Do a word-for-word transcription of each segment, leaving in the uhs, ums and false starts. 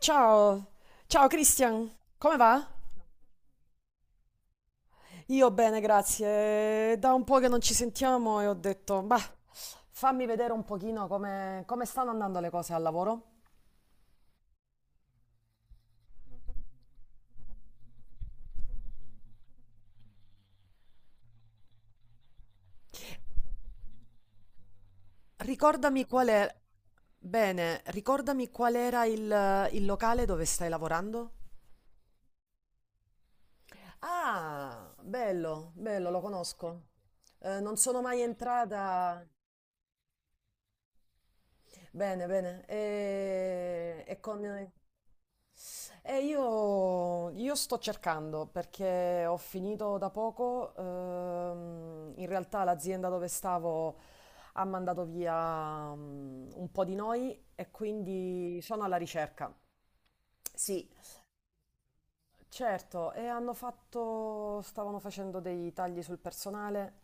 Ciao, ciao Christian, come va? Io bene, grazie. Da un po' che non ci sentiamo e ho detto, bah, fammi vedere un pochino come, come stanno andando le cose al lavoro. Ricordami qual è. Bene, ricordami qual era il, il locale dove stai lavorando? Ah, bello, bello, lo conosco. Eh, non sono mai entrata. Bene, bene. E, e come. E io, io sto cercando perché ho finito da poco, ehm, in realtà l'azienda dove stavo ha mandato via mm, un po' di noi e quindi sono alla ricerca. Sì. Certo, e hanno fatto, stavano facendo dei tagli sul personale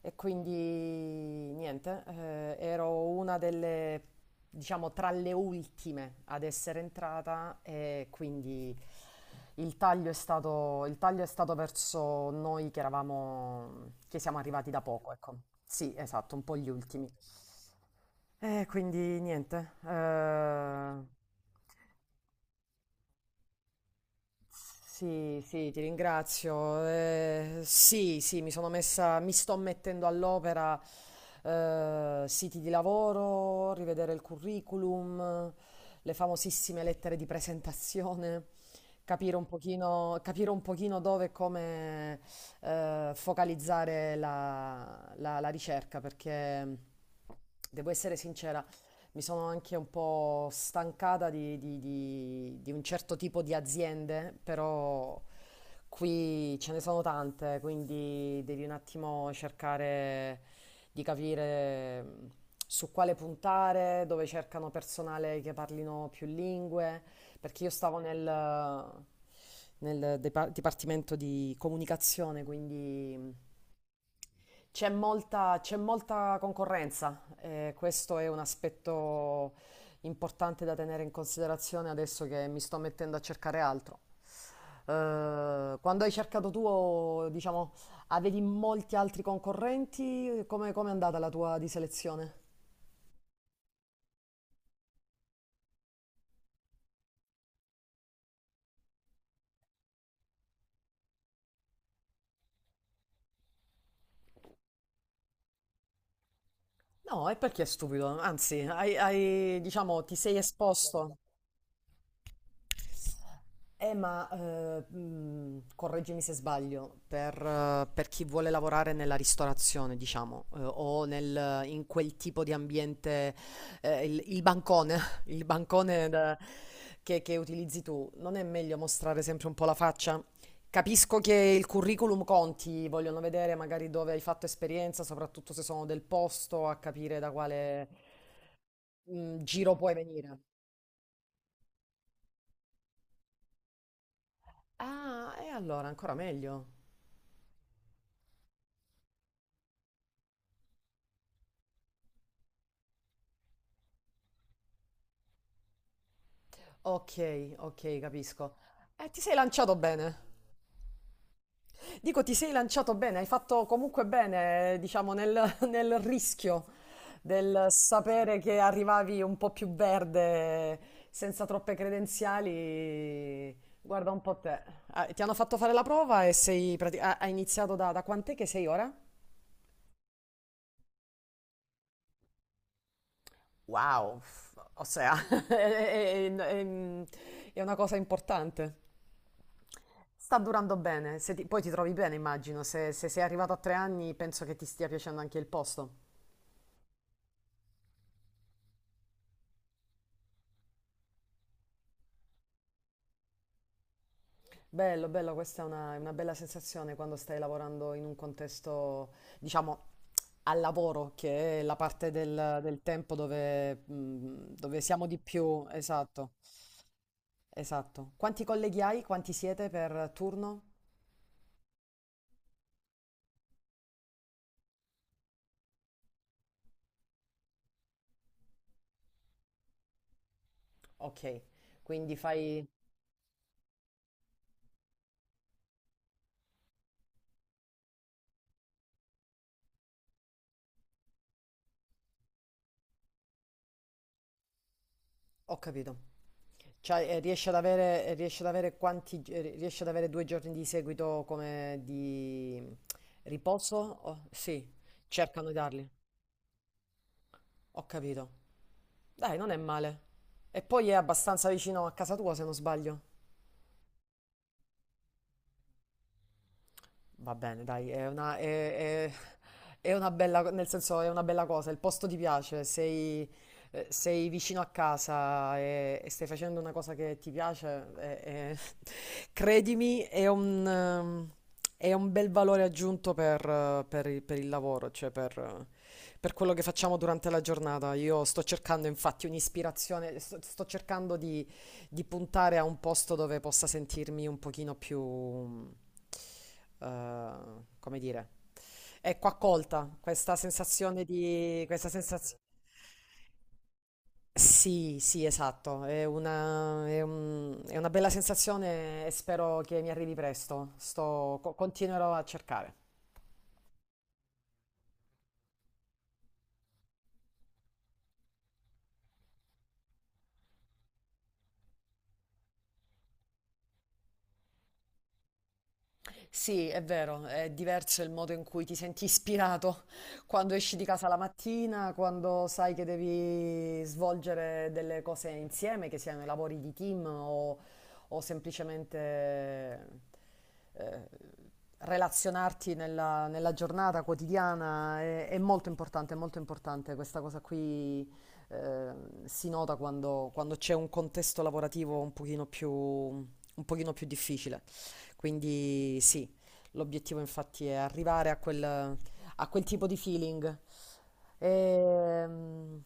e quindi niente, eh, ero una delle, diciamo, tra le ultime ad essere entrata e quindi il taglio è stato, il taglio è stato verso noi che eravamo, che siamo arrivati da poco, ecco. Sì, esatto, un po' gli ultimi. E quindi niente. eh, Sì, sì, ti ringrazio. Eh, sì, sì, mi sono messa, mi sto mettendo all'opera, eh, siti di lavoro, rivedere il curriculum, le famosissime lettere di presentazione, capire un pochino, capire un pochino dove e come, eh, focalizzare la, la la ricerca, perché devo essere sincera, mi sono anche un po' stancata di, di- di- di un certo tipo di aziende, però qui ce ne sono tante, quindi devi un attimo cercare di capire mh, su quale puntare, dove cercano personale che parlino più lingue, perché io stavo nel... nel depa- dipartimento di comunicazione, quindi mm, c'è molta, c'è molta concorrenza, eh, questo è un aspetto importante da tenere in considerazione adesso che mi sto mettendo a cercare altro. Eh, quando hai cercato tu, diciamo, avevi molti altri concorrenti? Come, come è andata la tua di selezione? No, e perché è stupido? Anzi, hai, hai, diciamo, ti sei esposto. Eh, ma eh, mh, correggimi se sbaglio, per, eh, per chi vuole lavorare nella ristorazione, diciamo, eh, o nel, in quel tipo di ambiente, eh, il, il bancone, il bancone da- che, che utilizzi tu, non è meglio mostrare sempre un po' la faccia? Capisco che il curriculum conti, vogliono vedere magari dove hai fatto esperienza, soprattutto se sono del posto, a capire da quale, mh, giro puoi venire. Ah, e allora ancora meglio. Ok, ok, capisco. Eh, ti sei lanciato bene. Dico, ti sei lanciato bene, hai fatto comunque bene, eh, diciamo, nel, nel rischio del sapere che arrivavi un po' più verde, senza troppe credenziali. Guarda un po' te. Ah, ti hanno fatto fare la prova e sei prati- ha- hai iniziato da, da quant'è che sei ora? Wow, f- o sea, è, è- è- è- è una cosa importante. Sta durando bene, se ti- poi ti trovi bene, immagino. Se, se sei arrivato a tre anni, penso che ti stia piacendo anche il posto. Bello, bello, questa è una, è una bella sensazione quando stai lavorando in un contesto, diciamo, al lavoro, che è la parte del, del tempo dove, mm, dove siamo di più. Esatto, esatto. Quanti colleghi hai? Quanti siete per turno? Ok, quindi fai. Ho capito. Cioè, eh, riesce ad avere, eh, riesce ad avere quanti, eh, riesce ad avere due giorni di seguito come di riposo? Oh, sì, cercano di darli. Ho capito. Dai, non è male. E poi è abbastanza vicino a casa tua, se non sbaglio. Va bene, dai, è una, è- è- è una bella, co- nel senso, è una bella cosa, il posto ti piace, sei, eh, sei vicino a casa e, e stai facendo una cosa che ti piace, è- è- credimi, è un, ehm, è un bel valore aggiunto per, eh, per il per il lavoro, cioè per, eh, per quello che facciamo durante la giornata. Io sto cercando infatti un'ispirazione, sto, sto cercando di di puntare a un posto dove possa sentirmi un pochino più, mh, eh, come dire, ecco, accolta, questa sensazione di, questa sensazione. Sì, sì, esatto, è una, è un- è una bella sensazione e spero che mi arrivi presto, sto, co- continuerò a cercare. Sì, è vero, è diverso il modo in cui ti senti ispirato quando esci di casa la mattina, quando sai che devi svolgere delle cose insieme, che siano i lavori di team o, o semplicemente eh, relazionarti nella, nella giornata quotidiana. È, è molto importante, è molto importante. Questa cosa qui eh, si nota quando, quando c'è un contesto lavorativo un pochino più, un pochino più difficile. Quindi sì, l'obiettivo infatti è arrivare a quel, a quel tipo di feeling. Ehm,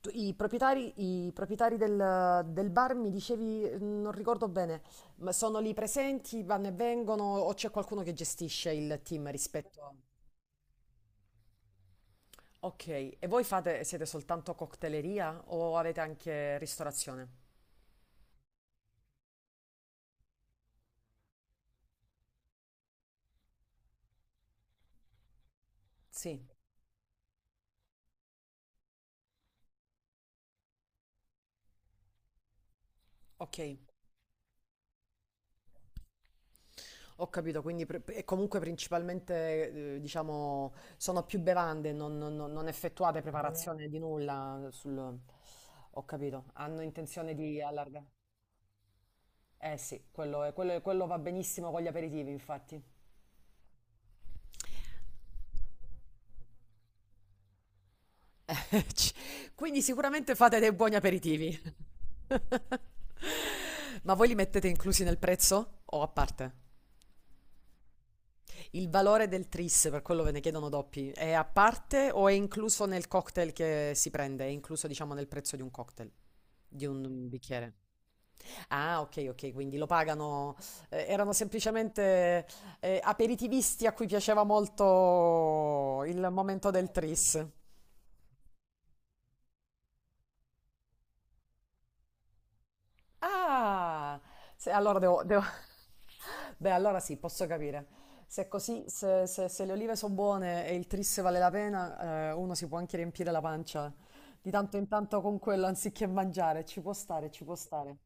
tu- i proprietari, i proprietari del, del bar mi dicevi, non ricordo bene, ma sono lì presenti, vanno e vengono o c'è qualcuno che gestisce il team rispetto a. Ok, e voi fate, siete soltanto cocktaileria o avete anche ristorazione? Sì, ok. Ho capito, quindi pre- e comunque principalmente, eh, diciamo, sono più bevande, non, non- non- non effettuate preparazione di nulla sul. Ho capito, hanno intenzione di allargare. Eh sì, quello, è- quello è- quello va benissimo con gli aperitivi, infatti. Ci- Quindi sicuramente fate dei buoni aperitivi. Ma voi li mettete inclusi nel prezzo o a parte? Il valore del tris, per quello ve ne chiedono doppi, è a parte o è incluso nel cocktail che si prende? È incluso, diciamo, nel prezzo di un cocktail, di un bicchiere? Ah, ok, ok, quindi lo pagano, eh, erano semplicemente eh, aperitivisti a cui piaceva molto il momento del tris. Ah, se- allora devo, devo- Beh, allora sì, posso capire. Se è così, se, se- se le olive sono buone e il tris vale la pena, eh, uno si può anche riempire la pancia di tanto in tanto con quello anziché mangiare. Ci può stare, ci può stare.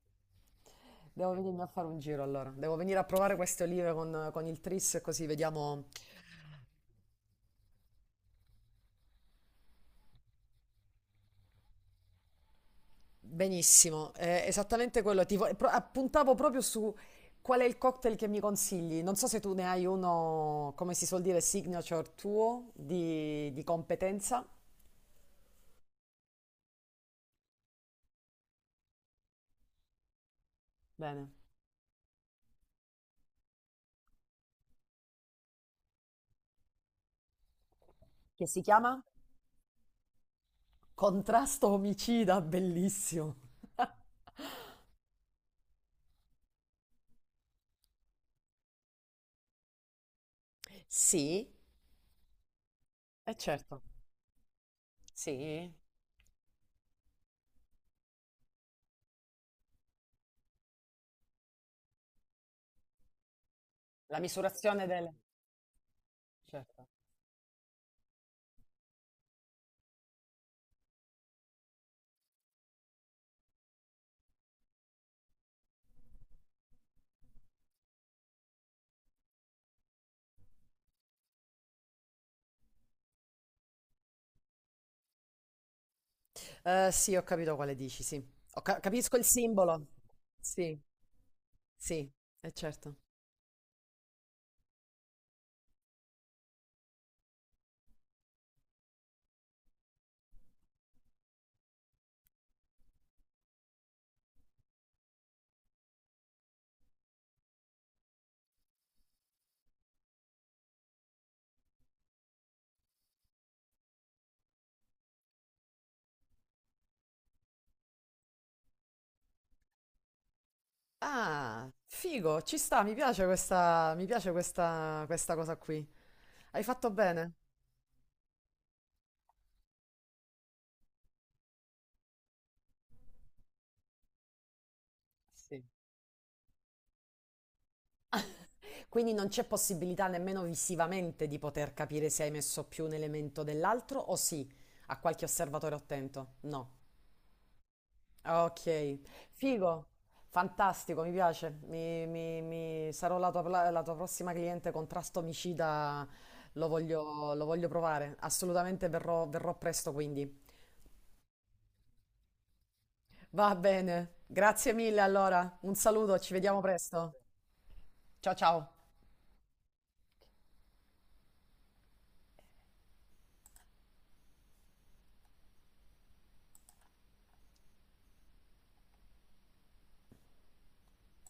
Devo venirmi a fare un giro allora. Devo venire a provare queste olive con, con il tris così vediamo. Benissimo, è esattamente quello. Ti vo- pro- appuntavo proprio su qual è il cocktail che mi consigli. Non so se tu ne hai uno, come si suol dire, signature tuo di, di competenza. Bene. Che si chiama? Contrasto omicida, bellissimo. Sì, eh certo, sì. La misurazione delle. Certo. Eh, sì, ho capito quale dici, sì. Ho ca- capisco il simbolo. Sì, sì, è certo. Ah, figo, ci sta, mi piace questa, mi piace questa, questa cosa qui. Hai fatto bene. Sì. Quindi non c'è possibilità nemmeno visivamente di poter capire se hai messo più un elemento dell'altro o sì, a qualche osservatore attento. No. Ok, figo, fantastico, mi piace. Mi, mi- mi- Sarò la tua, pla- la tua prossima cliente contrasto omicida, lo voglio, lo voglio provare. Assolutamente verrò verrò presto quindi. Va bene, grazie mille allora, un saluto, ci vediamo presto. Ciao ciao.